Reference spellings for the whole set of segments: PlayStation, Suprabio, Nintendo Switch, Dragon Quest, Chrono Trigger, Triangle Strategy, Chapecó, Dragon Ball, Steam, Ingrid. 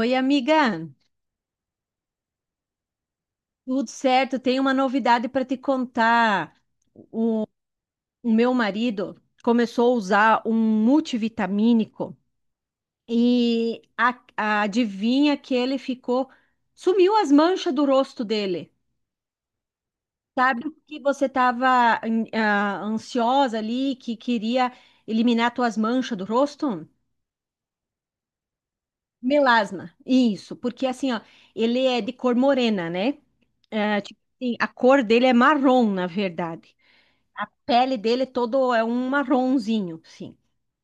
Oi, amiga. Tudo certo? Tenho uma novidade para te contar. O meu marido começou a usar um multivitamínico e adivinha que ele ficou, sumiu as manchas do rosto dele. Sabe que você estava ansiosa ali, que queria eliminar tuas manchas do rosto? Melasma, isso, porque assim, ó, ele é de cor morena, né? É, tipo assim, a cor dele é marrom, na verdade. A pele dele todo é um marronzinho, sim.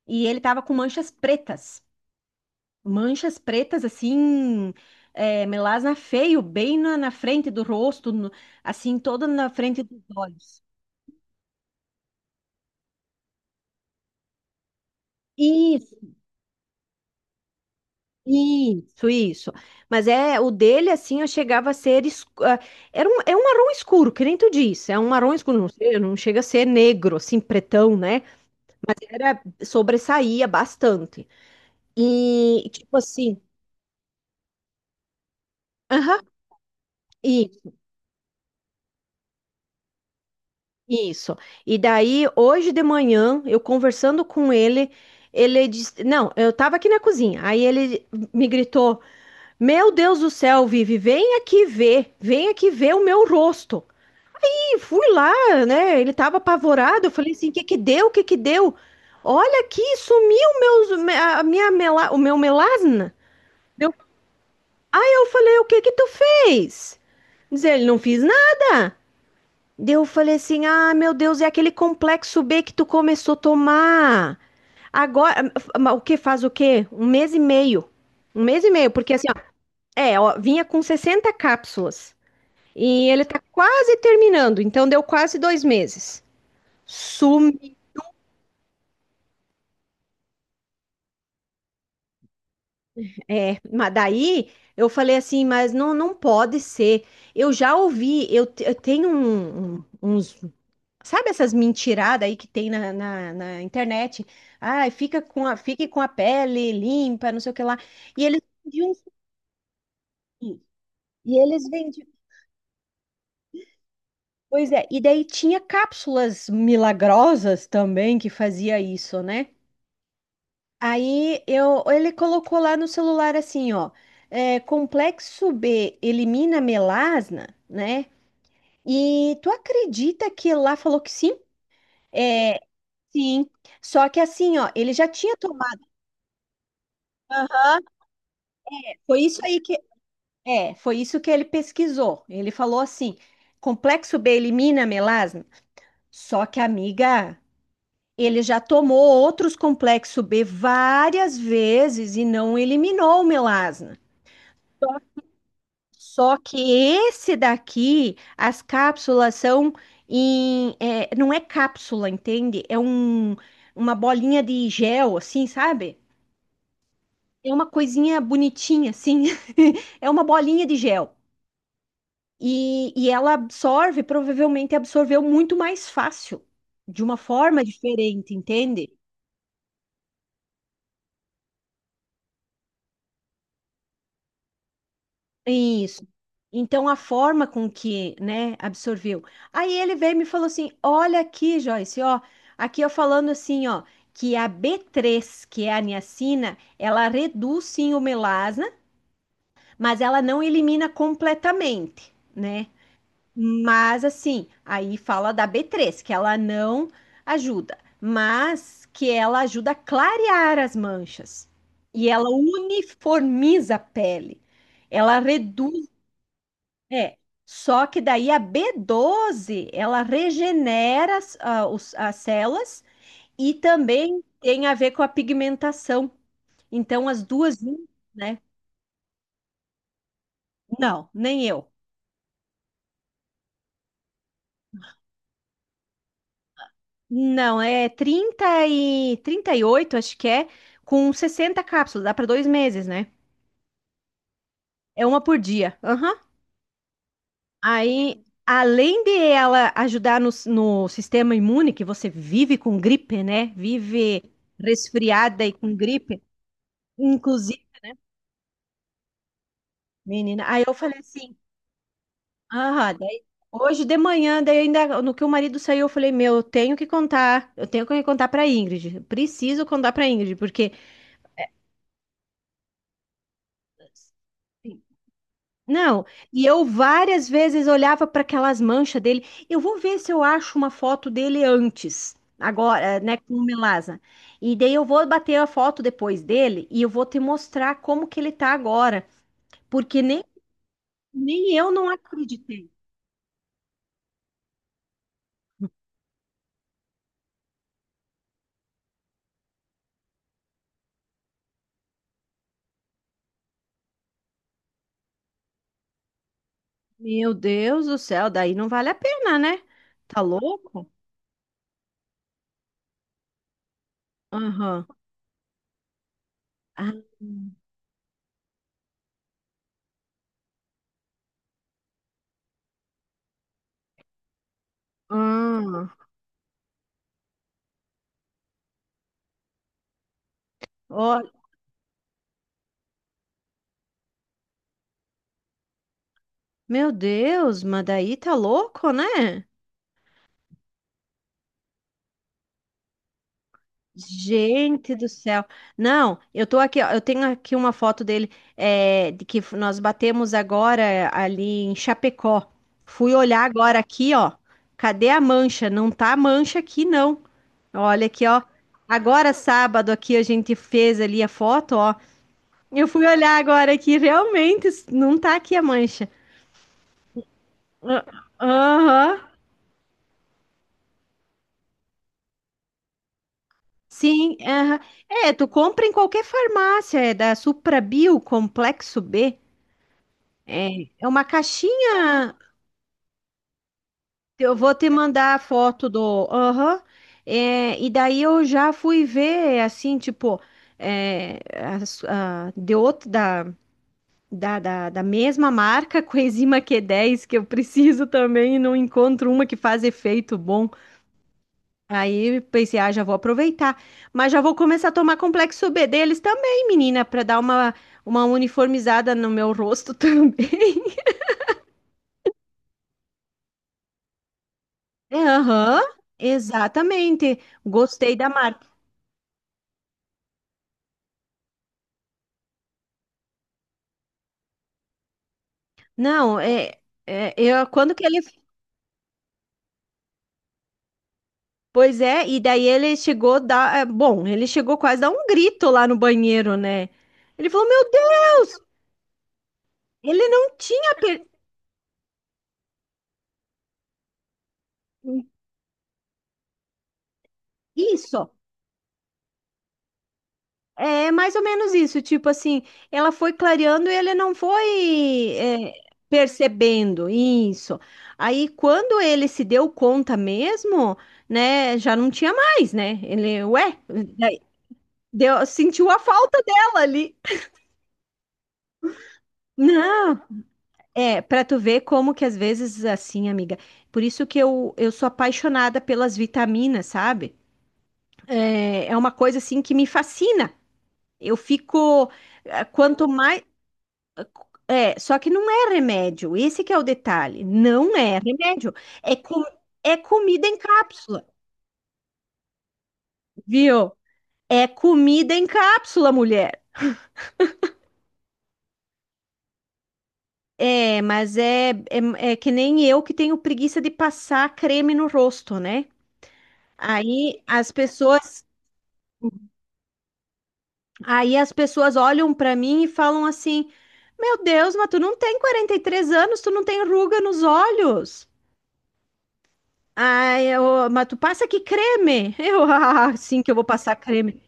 E ele tava com manchas pretas. Manchas pretas, assim, é, melasma feio, bem na frente do rosto, assim, toda na frente dos olhos. Isso, isso, isso. Mas é, o dele, assim, eu chegava a ser, é um marrom escuro, que nem tu disse, é um marrom escuro, não sei, não chega a ser negro, assim, pretão, né? Mas era, sobressaía bastante. E, tipo assim, aham. Isso. E daí, hoje de manhã, eu conversando com ele, ele disse: Não, eu tava aqui na cozinha. Aí ele me gritou: Meu Deus do céu, Vivi, vem aqui ver o meu rosto. E fui lá, né? Ele tava apavorado. Eu falei assim: O que que deu? O que que deu? Olha aqui, sumiu meus, o meu melasma. Deu- Aí eu falei: O que que tu fez? Diz ele: Não fiz nada. Daí eu falei assim: ah, meu Deus, é aquele complexo B que tu começou a tomar. Agora, mas o que faz o quê? Um mês e meio. Um mês e meio, porque assim, ó, é, ó, vinha com 60 cápsulas. E ele tá quase terminando, então deu quase 2 meses. Sumi. É, mas daí eu falei assim, mas não, não pode ser. Eu já ouvi, eu tenho uns. Sabe essas mentiradas aí que tem na internet? Ai, fique com a pele limpa, não sei o que lá. E eles vendiam sim. E eles vendiam. Pois é, e daí tinha cápsulas milagrosas também que fazia isso, né? Ele colocou lá no celular assim, ó, é, complexo B elimina melasma, né? E tu acredita que lá falou que sim? É, sim. Só que assim, ó, ele já tinha tomado. Aham. Foi isso aí que Foi isso que ele pesquisou. Ele falou assim: complexo B elimina a melasma. Só que, amiga, ele já tomou outros complexo B várias vezes e não eliminou o melasma. Só que esse daqui, as cápsulas não é cápsula, entende? Uma bolinha de gel, assim, sabe? É uma coisinha bonitinha, assim. É uma bolinha de gel. E ela absorve, provavelmente absorveu muito mais fácil, de uma forma diferente, entende? Isso. Então, a forma com que, né, absorveu. Aí ele veio e me falou assim: Olha aqui, Joyce, ó, aqui eu falando assim, ó, que a B3, que é a niacina, ela reduz sim o melasma, mas ela não elimina completamente, né? Mas assim, aí fala da B3, que ela não ajuda, mas que ela ajuda a clarear as manchas. E ela uniformiza a pele. Ela reduz, é. Só que daí a B12, ela regenera as células e também tem a ver com a pigmentação. Então as duas, juntas, né? Não, nem eu. Não, é 30 e 38 acho que é, com 60 cápsulas, dá para 2 meses, né? É uma por dia. Aham. Aí, além de ela ajudar no sistema imune, que você vive com gripe, né? Vive resfriada e com gripe, inclusive, menina. Aí eu falei assim, ah, daí, hoje de manhã, daí ainda no que o marido saiu, eu falei, meu, eu tenho que contar, eu tenho que contar para Ingrid, preciso contar para Ingrid, porque. Não, e eu várias vezes olhava para aquelas manchas dele. Eu vou ver se eu acho uma foto dele antes, agora, né, com o Melaza. E daí eu vou bater a foto depois dele e eu vou te mostrar como que ele tá agora, porque nem, eu não acreditei. Meu Deus do céu, daí não vale a pena, né? Tá louco? Aham. Ah, ah. Ó, meu Deus, mas daí tá louco, né? Gente do céu. Não, eu tô aqui, ó, eu tenho aqui uma foto dele, nós batemos agora ali em Chapecó. Fui olhar agora aqui, ó. Cadê a mancha? Não tá a mancha aqui, não. Olha aqui, ó. Agora sábado aqui a gente fez ali a foto, ó. Eu fui olhar agora aqui, realmente não tá aqui a mancha. Ah, aham. Sim, aham. É, tu compra em qualquer farmácia, é da Suprabio Complexo B. É, é uma caixinha. Eu vou te mandar a foto do. Aham. É, e daí eu já fui ver, assim, tipo, é, de outro da, da, mesma marca, coenzima Q10, que eu preciso também, e não encontro uma que faz efeito bom. Aí pensei, ah, já vou aproveitar. Mas já vou começar a tomar complexo B deles também, menina, para dar uma uniformizada no meu rosto também. É, aham, exatamente. Gostei da marca. Não, eu, quando que ele. Pois é, e daí ele chegou Bom, ele chegou quase a dar um grito lá no banheiro, né? Ele falou: Meu Deus, ele não tinha. Isso, é mais ou menos isso. Tipo assim, ela foi clareando e ele não foi percebendo isso. Aí quando ele se deu conta mesmo, né, já não tinha mais, né? Ele, ué. Deu, sentiu a falta dela ali. Não, pra tu ver como que às vezes assim, amiga. Por isso que eu sou apaixonada pelas vitaminas, sabe? É uma coisa assim que me fascina. Eu fico, quanto mais. É, só que não é remédio, esse que é o detalhe. Não é remédio. É, com, É comida em cápsula, viu? É comida em cápsula, mulher. É, mas é que nem eu que tenho preguiça de passar creme no rosto, né? Aí as pessoas, aí as pessoas olham pra mim e falam assim: "Meu Deus, mas tu não tem 43 anos, tu não tem ruga nos olhos". Ai, mas tu passa que creme? Ah, sim que eu vou passar creme.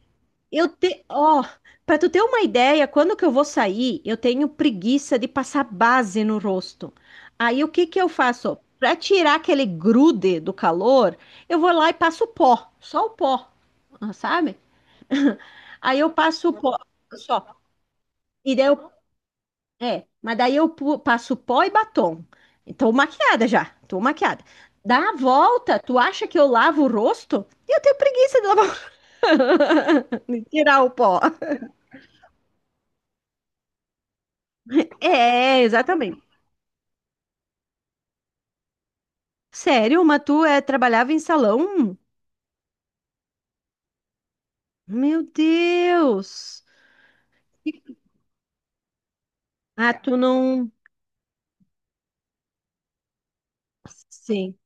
Ó, pra tu ter uma ideia, quando que eu vou sair, eu tenho preguiça de passar base no rosto. Aí o que que eu faço? Pra tirar aquele grude do calor, eu vou lá e passo pó, só o pó, sabe? Aí eu passo o pó só. E daí eu, é, mas daí eu pu- Passo pó e batom. Tô maquiada já, tô maquiada. Dá a volta, tu acha que eu lavo o rosto? Eu tenho preguiça de lavar, de tirar o pó. É, exatamente. Sério, mas tu trabalhava em salão? Meu Deus. Ah, tu não. Sim.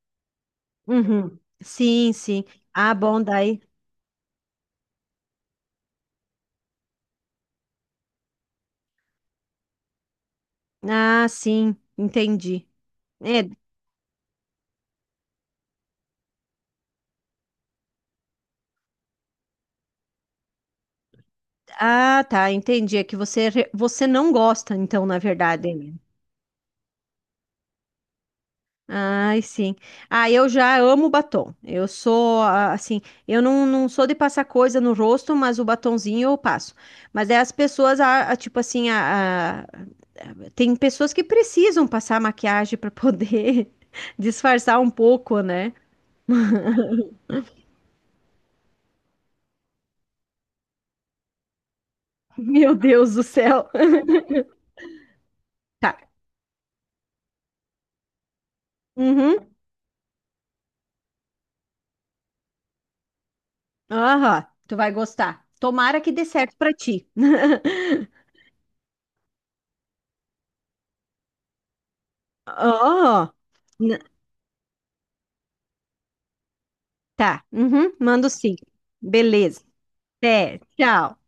Uhum. Sim, sim. Ah, bom, daí. Ah, sim, entendi. É, ah, tá, entendi. É que você, você não gosta, então, na verdade. Né? Ai, sim. Ah, eu já amo batom. Eu sou, assim, eu não sou de passar coisa no rosto, mas o batonzinho eu passo. Mas é as pessoas, tipo assim, tem pessoas que precisam passar maquiagem para poder disfarçar um pouco, né? Meu Deus do céu. Tá. Uhum. Aham. Tu vai gostar. Tomara que dê certo pra ti. Aham. Tá. Uhum. Mando sim. Beleza. Até. Tchau.